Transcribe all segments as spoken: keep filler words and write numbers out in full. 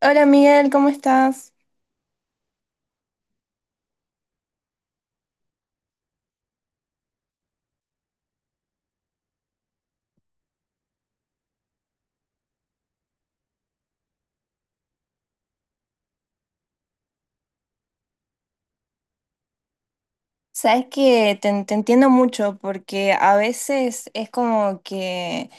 Hola Miguel, ¿cómo estás? Sabes que te, te entiendo mucho porque a veces es como que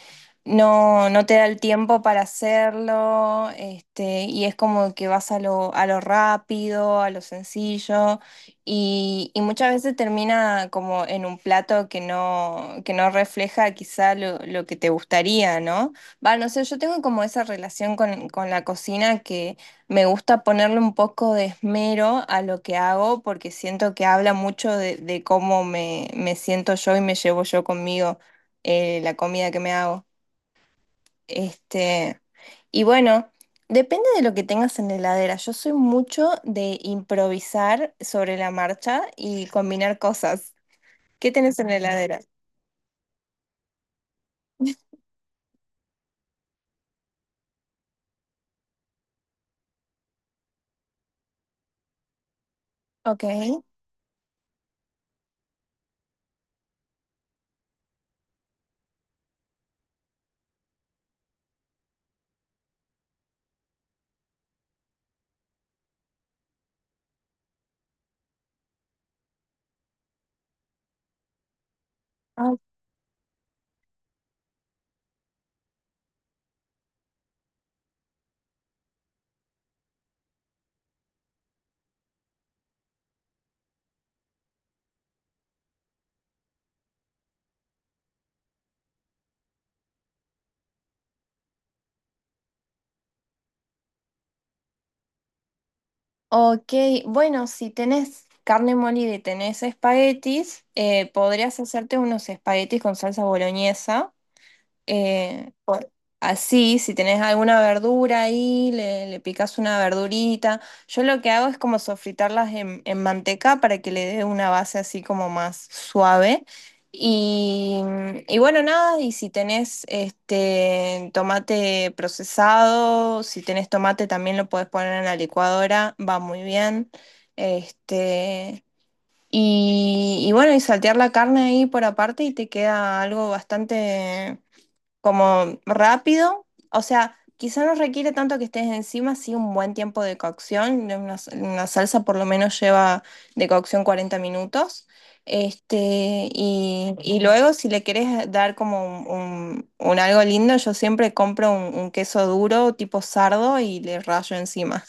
no, no te da el tiempo para hacerlo, este, y es como que vas a lo, a lo rápido, a lo sencillo, y, y muchas veces termina como en un plato que no, que no refleja quizá lo, lo que te gustaría, ¿no? Va, no sé, yo tengo como esa relación con, con la cocina que me gusta ponerle un poco de esmero a lo que hago, porque siento que habla mucho de, de cómo me, me siento yo y me llevo yo conmigo, eh, la comida que me hago. Este, y bueno, depende de lo que tengas en la heladera. Yo soy mucho de improvisar sobre la marcha y combinar cosas. ¿Qué tenés en la heladera? Ok. Ah. Ok, bueno, si tenés carne molida y tenés espaguetis, eh, podrías hacerte unos espaguetis con salsa boloñesa. Eh, por- Así, si tenés alguna verdura ahí, le, le picás una verdurita. Yo lo que hago es como sofritarlas en, en manteca para que le dé una base así como más suave. Y, y bueno, nada, y si tenés este tomate procesado, si tenés tomate también lo podés poner en la licuadora, va muy bien. Este, y, y bueno, y saltear la carne ahí por aparte y te queda algo bastante como rápido, o sea, quizá no requiere tanto que estés encima, sí un buen tiempo de cocción, de una, una salsa por lo menos lleva de cocción cuarenta minutos, este, y, y luego si le querés dar como un, un- un algo lindo, yo siempre compro un, un queso duro tipo sardo y le rayo encima.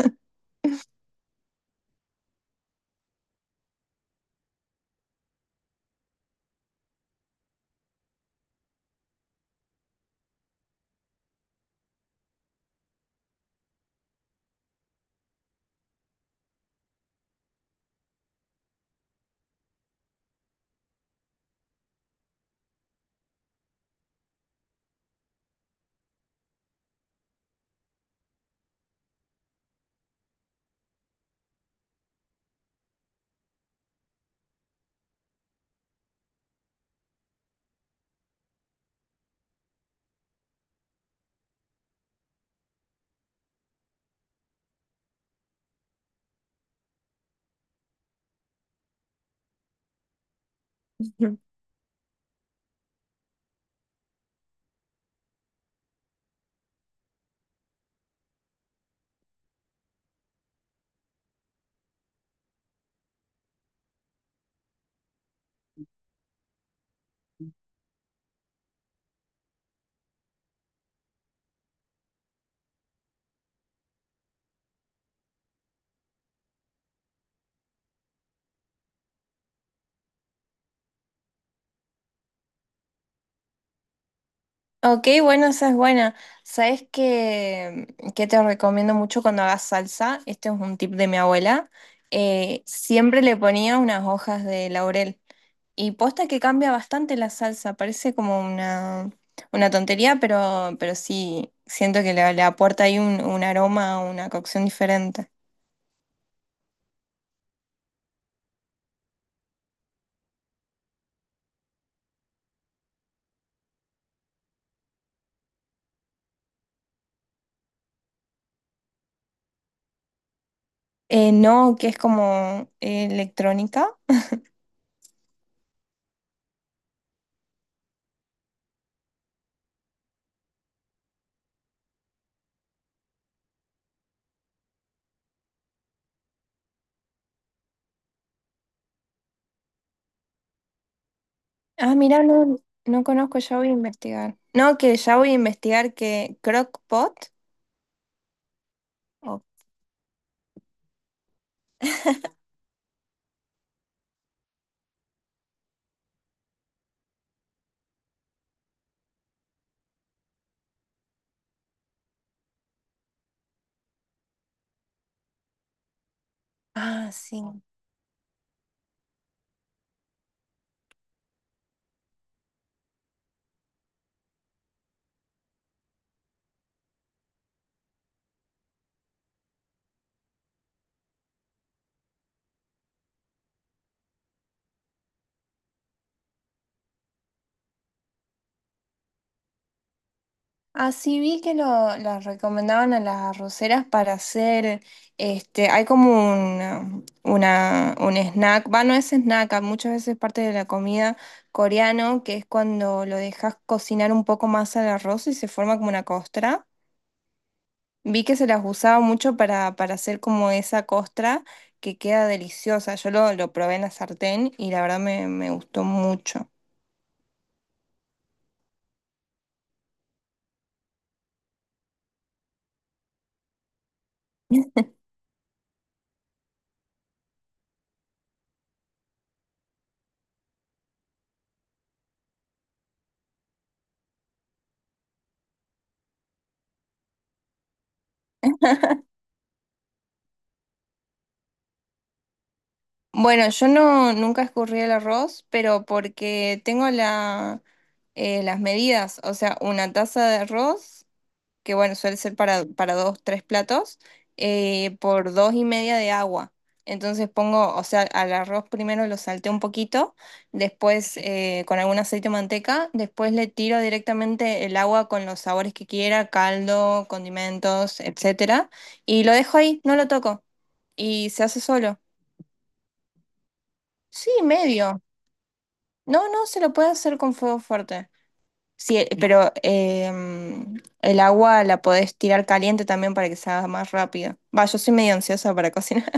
Ok, bueno, esa es buena. ¿Sabes qué, qué te recomiendo mucho cuando hagas salsa? Este es un tip de mi abuela. Eh, siempre le ponía unas hojas de laurel. Y posta que cambia bastante la salsa. Parece como una, una tontería, pero, pero sí, siento que le, le aporta ahí un, un aroma, una cocción diferente. Eh, no, que es como eh, electrónica. Ah, mira, no, no conozco, ya voy a investigar. No, que ya voy a investigar que crockpot. Ah, sí. Así vi que lo, las recomendaban a las arroceras para hacer, este, hay como un, una, un snack, va, no es snack, a muchas veces parte de la comida coreano, que es cuando lo dejas cocinar un poco más al arroz y se forma como una costra. Vi que se las usaba mucho para, para hacer como esa costra que queda deliciosa. Yo lo, lo probé en la sartén y la verdad me, me gustó mucho. Bueno, yo no nunca escurrí el arroz, pero porque tengo la, eh, las medidas, o sea, una taza de arroz, que bueno, suele ser para, para dos, tres platos, eh, por dos y media de agua. Entonces pongo, o sea, al arroz primero lo salteo un poquito, después eh, con algún aceite o manteca, después le tiro directamente el agua con los sabores que quiera, caldo, condimentos, etcétera, y lo dejo ahí, no lo toco, y se hace solo. Sí, medio. No, no, se lo puede hacer con fuego fuerte. Sí, eh, pero em, el agua la podés tirar caliente también para que se haga más rápido. Va, yo soy medio ansiosa para cocinar.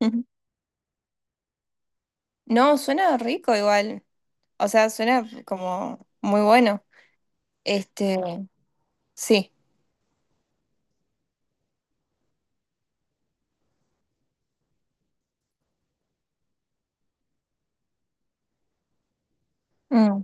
No, suena rico igual. O sea, suena como muy bueno. Este, sí. Mm.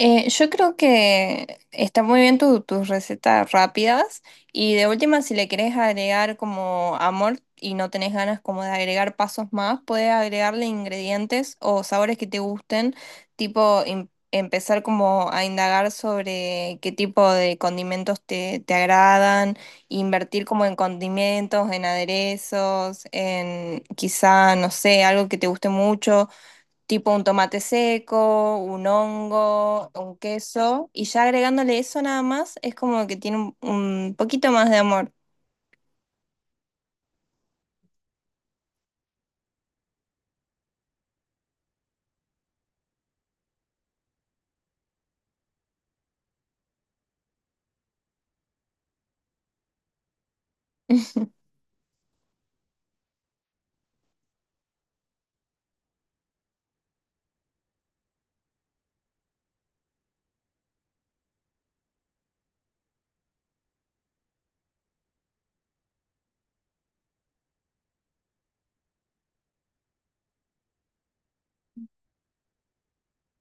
Eh, yo creo que está muy bien tu- tus recetas rápidas y de última si le querés agregar como amor y no tenés ganas como de agregar pasos más, podés agregarle ingredientes o sabores que te gusten, tipo em- empezar como a indagar sobre qué tipo de condimentos te, te agradan, invertir como en condimentos, en aderezos, en quizá, no sé, algo que te guste mucho tipo un tomate seco, un hongo, un queso, y ya agregándole eso nada más, es como que tiene un, un poquito más de amor.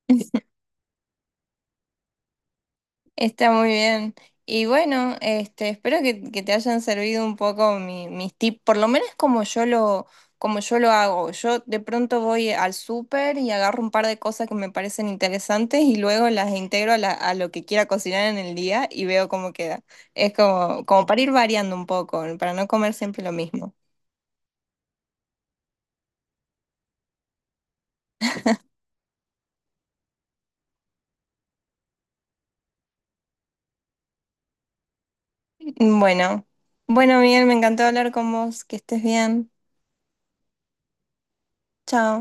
Está muy bien. Y bueno, este, espero que, que te hayan servido un poco mi- mis tips, por lo menos como yo lo, como yo lo hago. Yo de pronto voy al súper y agarro un par de cosas que me parecen interesantes y luego las integro a, la- a lo que quiera cocinar en el día y veo cómo queda. Es como, como para ir variando un poco, para no comer siempre lo mismo. Bueno, bueno, Miguel, me encantó hablar con vos. Que estés bien. Chao.